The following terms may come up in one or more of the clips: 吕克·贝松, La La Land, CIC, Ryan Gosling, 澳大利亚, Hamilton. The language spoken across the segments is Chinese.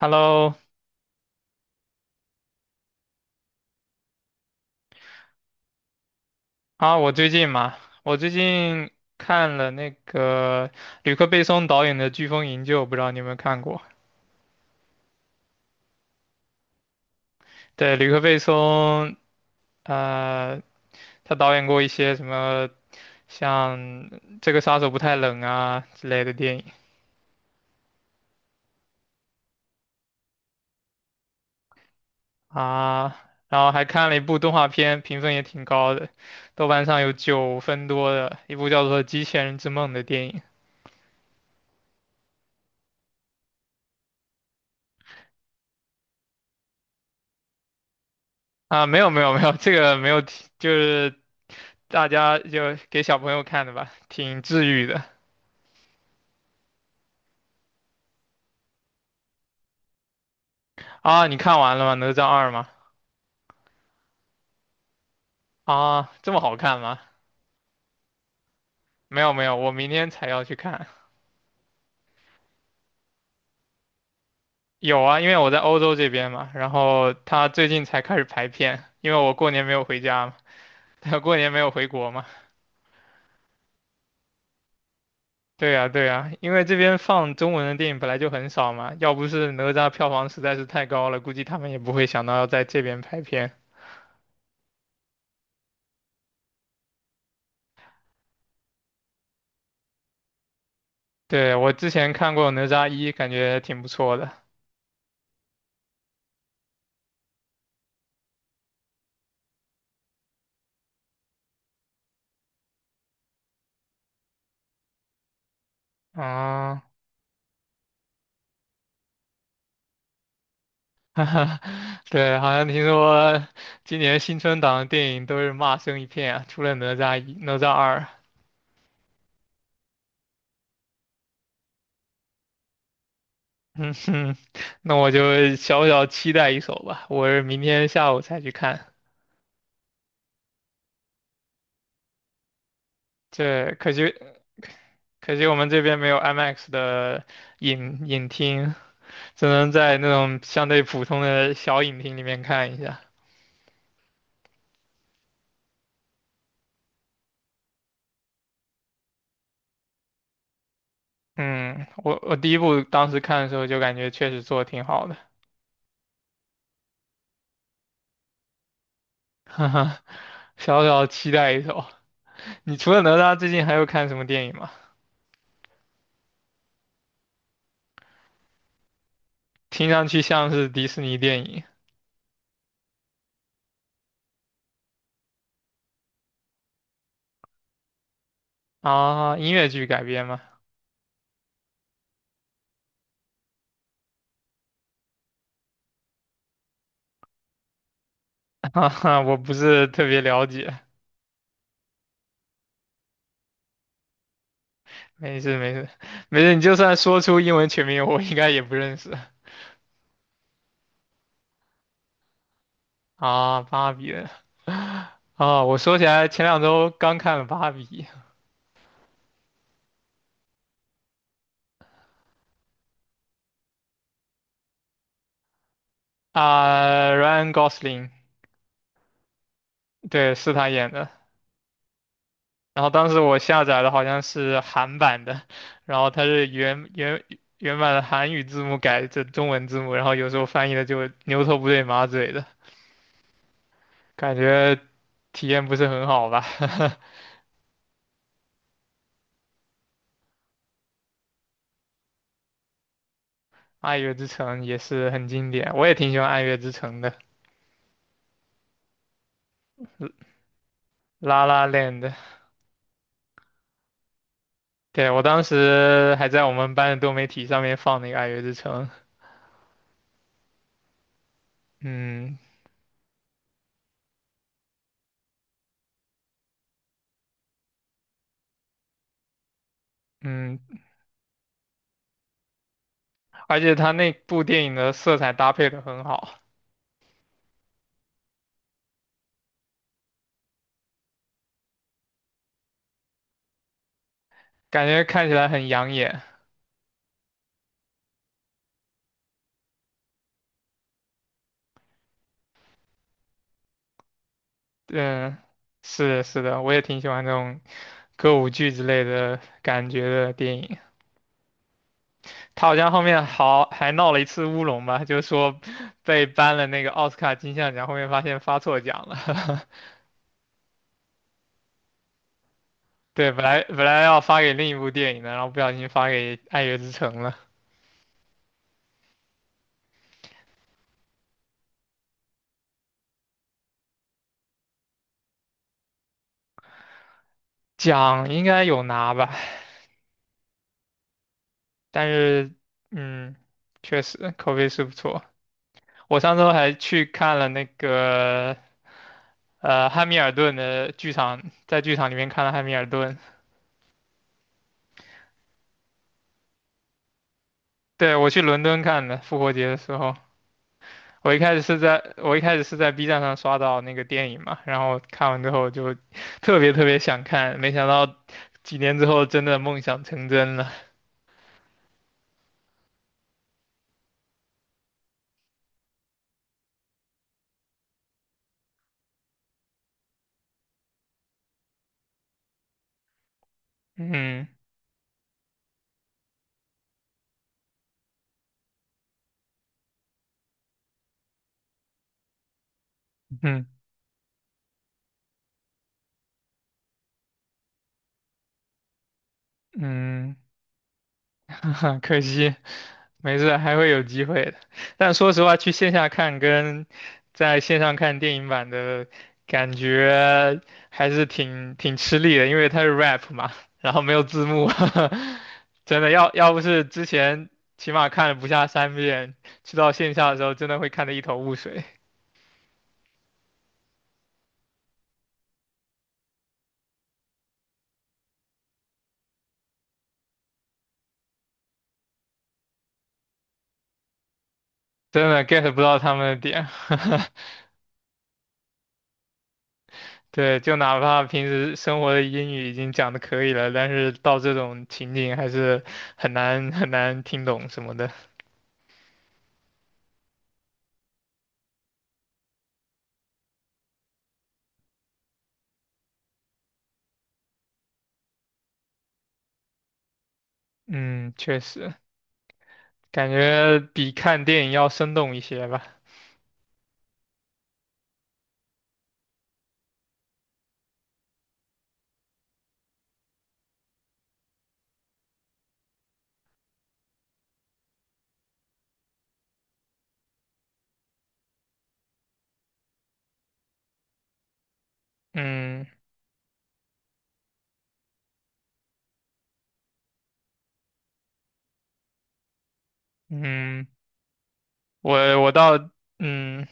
Hello，啊，我最近看了那个吕克·贝松导演的《飓风营救》，不知道你有没有看过？对，吕克·贝松，呃，他导演过一些什么像《这个杀手不太冷》啊之类的电影啊，然后还看了一部动画片，评分也挺高的，豆瓣上有9分多的一部叫做《机器人之梦》的电影啊，没有没有没有，这个没有提，就是大家就给小朋友看的吧，挺治愈的啊。你看完了吗？哪吒二吗？啊，这么好看吗？没有没有，我明天才要去看。有啊，因为我在欧洲这边嘛，然后他最近才开始排片，因为我过年没有回家嘛，他过年没有回国嘛。对呀对呀，因为这边放中文的电影本来就很少嘛，要不是哪吒票房实在是太高了，估计他们也不会想到要在这边排片。对，我之前看过哪吒一，感觉挺不错的。啊，对，好像听说今年新春档的电影都是骂声一片啊，除了哪吒一、哪吒二。嗯哼，那我就小小期待一手吧。我是明天下午才去看，这可惜可惜我们这边没有 IMAX 的影厅，只能在那种相对普通的小影厅里面看一下。嗯，我第一部当时看的时候就感觉确实做的挺好的，哈哈，小小期待一手。你除了哪吒，最近还有看什么电影吗？听上去像是迪士尼电影啊，音乐剧改编吗？哈哈，我不是特别了解。没事没事没事，你就算说出英文全名，我应该也不认识啊。芭比啊，我说起来，前2周刚看了芭比啊，Ryan Gosling，对，是他演的。然后当时我下载的好像是韩版的，然后它是原版的韩语字幕改成中文字幕，然后有时候翻译的就牛头不对马嘴的感觉，体验不是很好吧？《爱乐之城》也是很经典，我也挺喜欢《爱乐之城》的，《La La Land》。对，我当时还在我们班的多媒体上面放那个《爱乐之城》，嗯嗯，而且他那部电影的色彩搭配的很好，感觉看起来很养眼。嗯，是的是的，我也挺喜欢这种歌舞剧之类的感觉的电影。他好像后面好还闹了一次乌龙吧，就是说被颁了那个奥斯卡金像奖，后面发现发错奖了。对，本来要发给另一部电影的，然后不小心发给《爱乐之城》了。奖应该有拿吧，但是嗯，确实口碑是不错。我上周还去看了那个汉密尔顿的剧场，在剧场里面看了汉密尔顿。对，我去伦敦看的，复活节的时候。我一开始是在 B 站上刷到那个电影嘛，然后看完之后就 特别特别想看，没想到几年之后真的梦想成真了。嗯嗯嗯。可惜，没事，还会有机会的。但说实话，去线下看跟在线上看电影版的感觉还是挺吃力的，因为它是 rap 嘛，然后没有字幕，真的要不是之前起码看了不下3遍，去到线下的时候真的会看得一头雾水，真的 get 不到他们的点。对，就哪怕平时生活的英语已经讲的可以了，但是到这种情景还是很难很难听懂什么的。嗯，确实，感觉比看电影要生动一些吧。嗯嗯，我我到嗯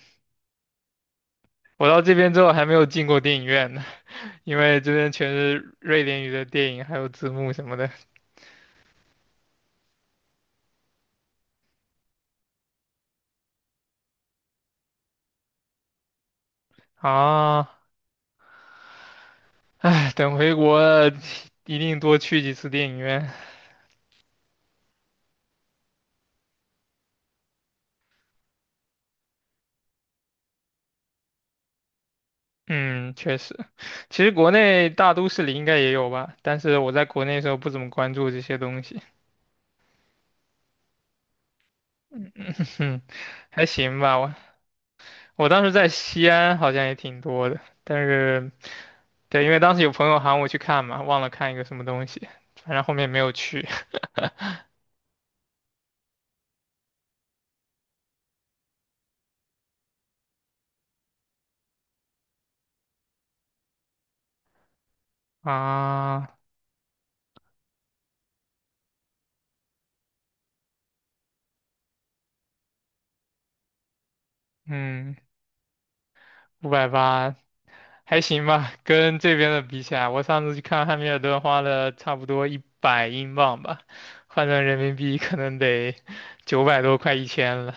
我到这边之后还没有进过电影院呢，因为这边全是瑞典语的电影，还有字幕什么的啊。等回国了一定多去几次电影院。嗯，确实，其实国内大都市里应该也有吧，但是我在国内的时候不怎么关注这些东西，哼，还行吧。我当时在西安好像也挺多的，但是对，因为当时有朋友喊我去看嘛，忘了看一个什么东西，反正后面没有去 啊。嗯，580还行吧，跟这边的比起来，我上次去看汉密尔顿花了差不多100英镑吧，换成人民币可能得900多，快1000了。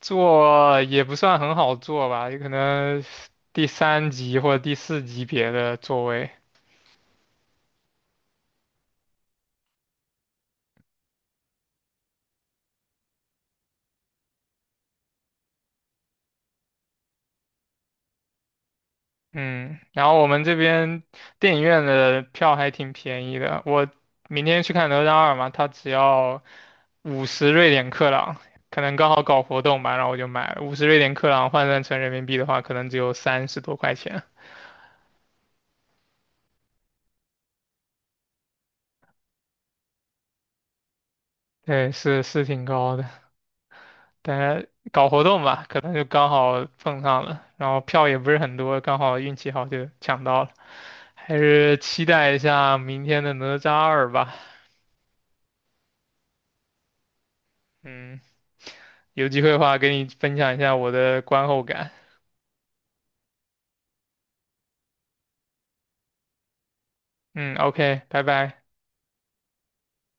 做也不算很好做吧，有可能第3级或者第4级别的座位。嗯，然后我们这边电影院的票还挺便宜的，我明天去看《哪吒二》嘛，它只要五十瑞典克朗，可能刚好搞活动吧，然后我就买了五十瑞典克朗，换算成人民币的话，可能只有30多块钱。对，是挺高的。大家搞活动吧，可能就刚好碰上了，然后票也不是很多，刚好运气好就抢到了，还是期待一下明天的哪吒二吧。嗯，有机会的话给你分享一下我的观后感。嗯，OK，拜拜。